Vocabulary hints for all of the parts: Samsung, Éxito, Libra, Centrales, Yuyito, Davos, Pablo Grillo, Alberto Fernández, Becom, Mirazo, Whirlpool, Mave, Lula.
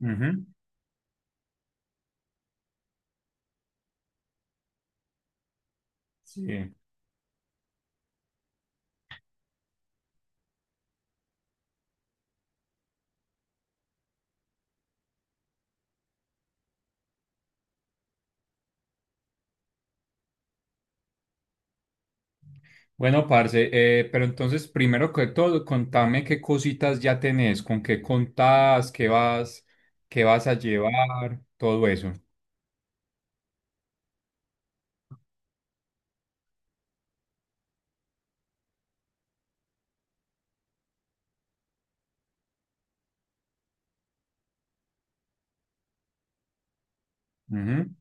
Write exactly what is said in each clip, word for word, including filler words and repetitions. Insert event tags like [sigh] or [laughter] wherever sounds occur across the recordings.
Ujú. Sí. Bueno, parce, eh, pero entonces, primero que todo, contame qué cositas ya tenés, con qué contás, qué vas, qué vas a llevar, todo eso. Ujú.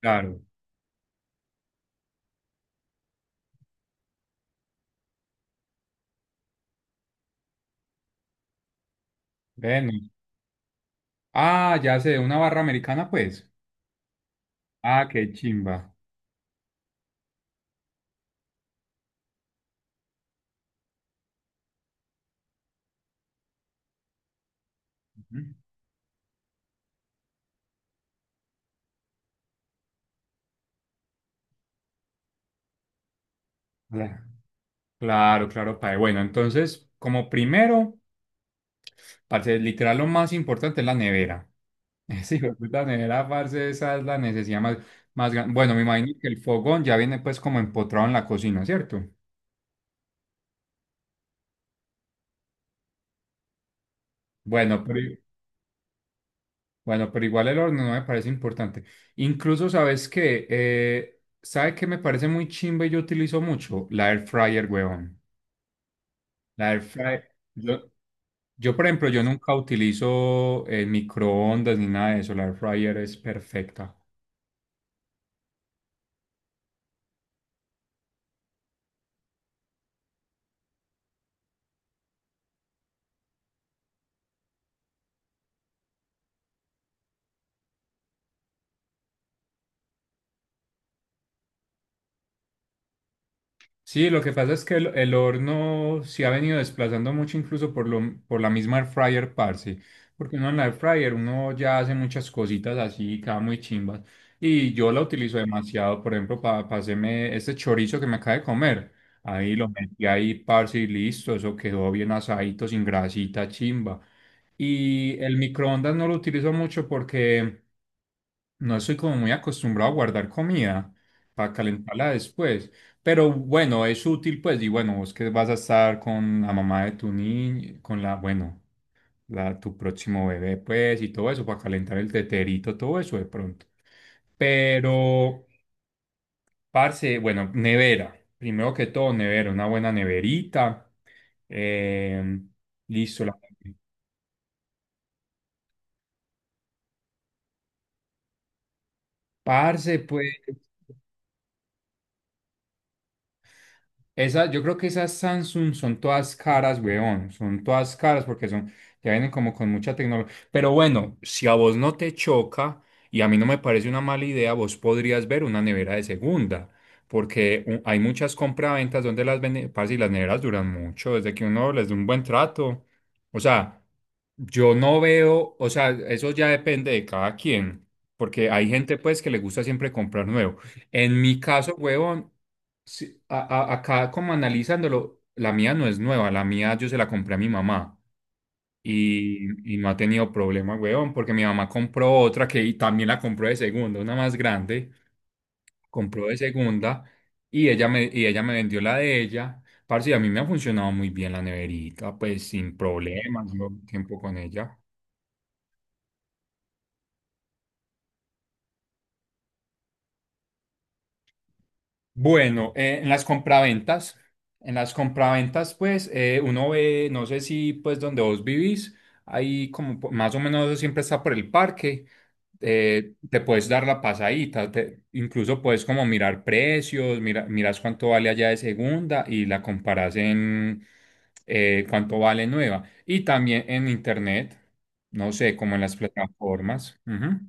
Claro. Bueno. Ah, ya sé, una barra americana, pues. Ah, qué chimba. Ujú. Cla- Claro, claro, padre. Bueno, entonces, como primero, parce, literal lo más importante es la nevera. [laughs] Sí, puta nevera, parce, esa es la necesidad más, más grande. Bueno, me imagino que el fogón ya viene pues como empotrado en la cocina, ¿cierto? Bueno, pero, i- bueno, pero igual el horno no me parece importante. Incluso, ¿sabes qué? Eh, ¿sabe qué me parece muy chimba y yo utilizo mucho? La air fryer, huevón. La air fryer. Yo, yo, por ejemplo, yo nunca utilizo eh, microondas ni nada de eso. La air fryer es perfecta. Sí, lo que pasa es que el, el horno se ha venido desplazando mucho incluso por, lo, por la misma air fryer, parce. Porque uno en la air fryer uno ya hace muchas cositas así, cada muy chimbas. Y yo la utilizo demasiado, por ejemplo, para hacerme este chorizo que me acaba de comer. Ahí lo metí ahí, parce, y listo. Eso quedó bien asadito, sin grasita, chimba. Y el microondas no lo utilizo mucho porque no soy como muy acostumbrado a guardar comida para calentarla después, pero bueno, es útil pues. Y bueno, vos que vas a estar con la mamá de tu niño, con la, bueno, la, tu próximo bebé pues y todo eso, para calentar el teterito, todo eso de pronto. Pero, parce, bueno, nevera, primero que todo nevera, una buena neverita, eh, listo, la, parce pues. Esa, yo creo que esas Samsung son todas caras, weón. Son todas caras porque son, ya vienen como con mucha tecnología. Pero bueno, si a vos no te choca y a mí no me parece una mala idea, vos podrías ver una nevera de segunda. Porque u- hay muchas compraventas donde las venden, parce, y las neveras duran mucho, desde que uno les da un buen trato. O sea, yo no veo, o sea, eso ya depende de cada quien. Porque hay gente pues que le gusta siempre comprar nuevo. En mi caso, huevón, sí, a- a- acá como analizándolo, la mía no es nueva, la mía yo se la compré a mi mamá y, y no ha tenido problema, huevón, porque mi mamá compró otra que y también la compró de segunda, una más grande, compró de segunda y ella me, y ella me vendió la de ella. Parce, y a mí me ha funcionado muy bien la neverita, pues sin problemas, yo tiempo con ella. Bueno, eh, en las compraventas, en las compraventas, pues eh, uno ve, no sé si pues donde vos vivís, ahí como po- más o menos eso siempre está por el parque, eh, te puedes dar la pasadita, te- incluso puedes como mirar precios, mira, miras cuánto vale allá de segunda y la comparas en eh, cuánto vale nueva. Y también en internet, no sé, como en las plataformas. Ujú.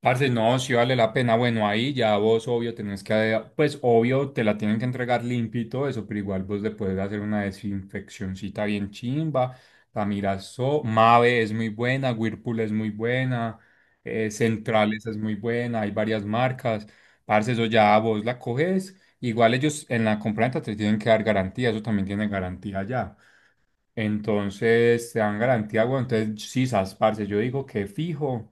Parce, no, si vale la pena. Bueno, ahí ya vos, obvio, tenés que, pues, obvio, te la tienen que entregar limpio y todo eso, pero igual vos le puedes hacer una desinfeccioncita bien chimba. La Mirazo, Mave es muy buena, Whirlpool es muy buena, eh, Centrales es muy buena, hay varias marcas. Parce, eso ya vos la coges. Igual ellos en la compraventa te tienen que dar garantía, eso también tiene garantía ya. Entonces, te dan garantía, bueno, entonces, sí, sas, parce, yo digo que fijo.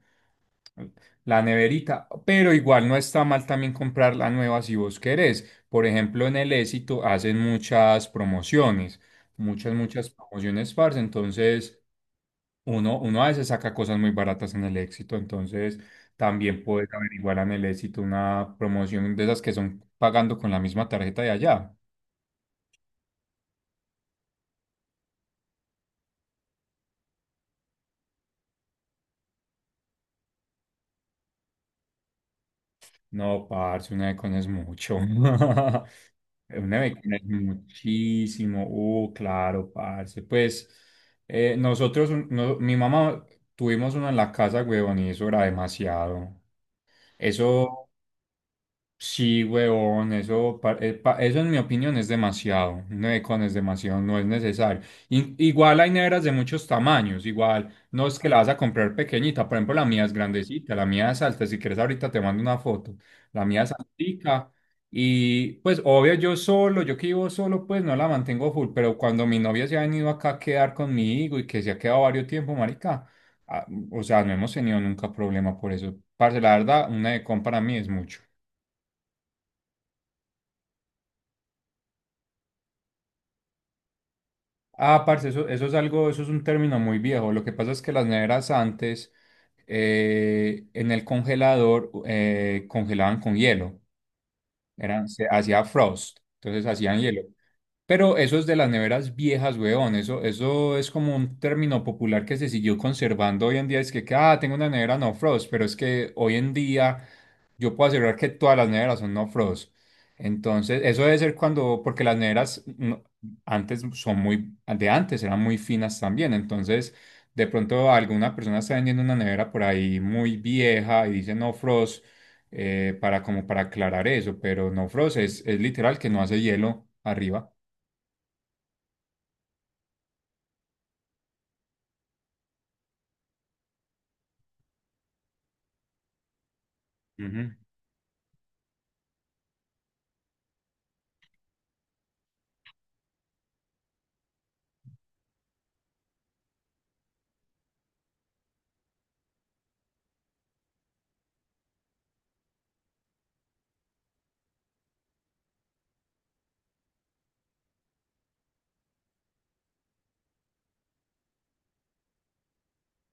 La neverita, pero igual no está mal también comprar la nueva si vos querés. Por ejemplo, en el Éxito hacen muchas promociones, muchas, muchas promociones, parce. Entonces, uno, uno a veces saca cosas muy baratas en el Éxito. Entonces, también puedes averiguar en el Éxito una promoción de esas que son pagando con la misma tarjeta de allá. No, parce, una de con es mucho. [laughs] Eh, una vecina es muchísimo. Uh, claro, parce. Pues eh, nosotros, un- no- mi mamá, tuvimos una en la casa, huevón, y eso era demasiado. Mm. Eso, sí, huevón, eso, pa- eh, pa- eso en mi opinión es demasiado, no es con es demasiado, no es necesario. In- igual hay neveras de muchos tamaños, igual no es que la vas a comprar pequeñita, por ejemplo la mía es grandecita, la mía es alta, si quieres ahorita te mando una foto, la mía es altica y pues obvio yo solo, yo que vivo solo pues no la mantengo full, pero cuando mi novia se ha venido acá a quedar conmigo y que se ha quedado varios tiempo, marica, ah, o sea, no hemos tenido nunca problema por eso. Parce, la verdad, una de para mí es mucho. Ah, parce, eso, eso es algo, eso es un término muy viejo. Lo que pasa es que las neveras antes eh, en el congelador eh, congelaban con hielo, eran, se hacía frost, entonces hacían hielo. Pero eso es de las neveras viejas, weón. Eso, eso es como un término popular que se siguió conservando hoy en día. Es que, que, ah, tengo una nevera no frost, pero es que hoy en día yo puedo asegurar que todas las neveras son no frost. Entonces, eso debe ser cuando, porque las neveras no- antes son muy, de antes eran muy finas también. Entonces, de pronto alguna persona está vendiendo una nevera por ahí muy vieja y dice no frost eh, para como para aclarar eso, pero no frost es, es literal que no hace hielo arriba. Ujú.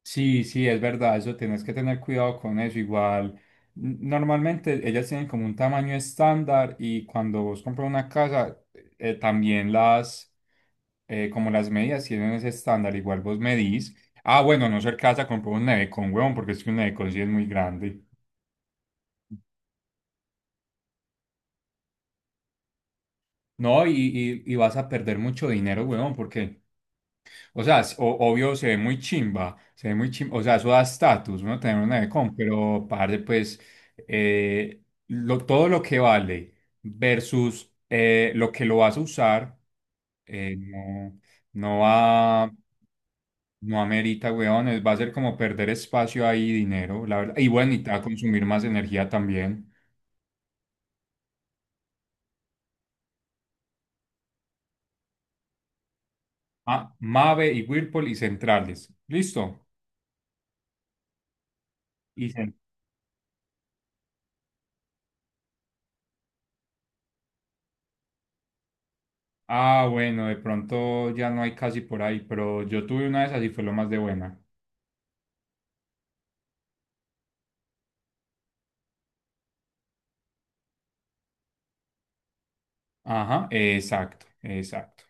Sí, sí, es verdad, eso tenés que tener cuidado con eso. Igual, n- normalmente ellas tienen como un tamaño estándar, y cuando vos compras una casa, eh, también las, eh, como las medidas tienen ese estándar, igual vos medís. Ah, bueno, a no ser casa, compró un nevecón, huevón, porque es que un nevecón sí es muy grande. No, y, y, y vas a perder mucho dinero, huevón, porque, o sea, s- o- obvio se ve muy chimba, se ve muy chimba, o sea, eso da estatus, uno tener una Becom, pero parce, pues, eh, lo- todo lo que vale versus eh, lo que lo vas a usar, eh, no, no va, no amerita, weón, es- va a ser como perder espacio ahí, y dinero, la verdad, y bueno, y te va a consumir más energía también. Ah, Mave y Whirlpool y centrales, listo. Y ah, bueno, de pronto ya no hay casi por ahí, pero yo tuve una de esas y fue lo más de buena. Ajá, exacto, exacto.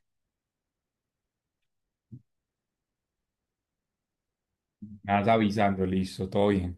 Me vas avisando, listo, todo bien.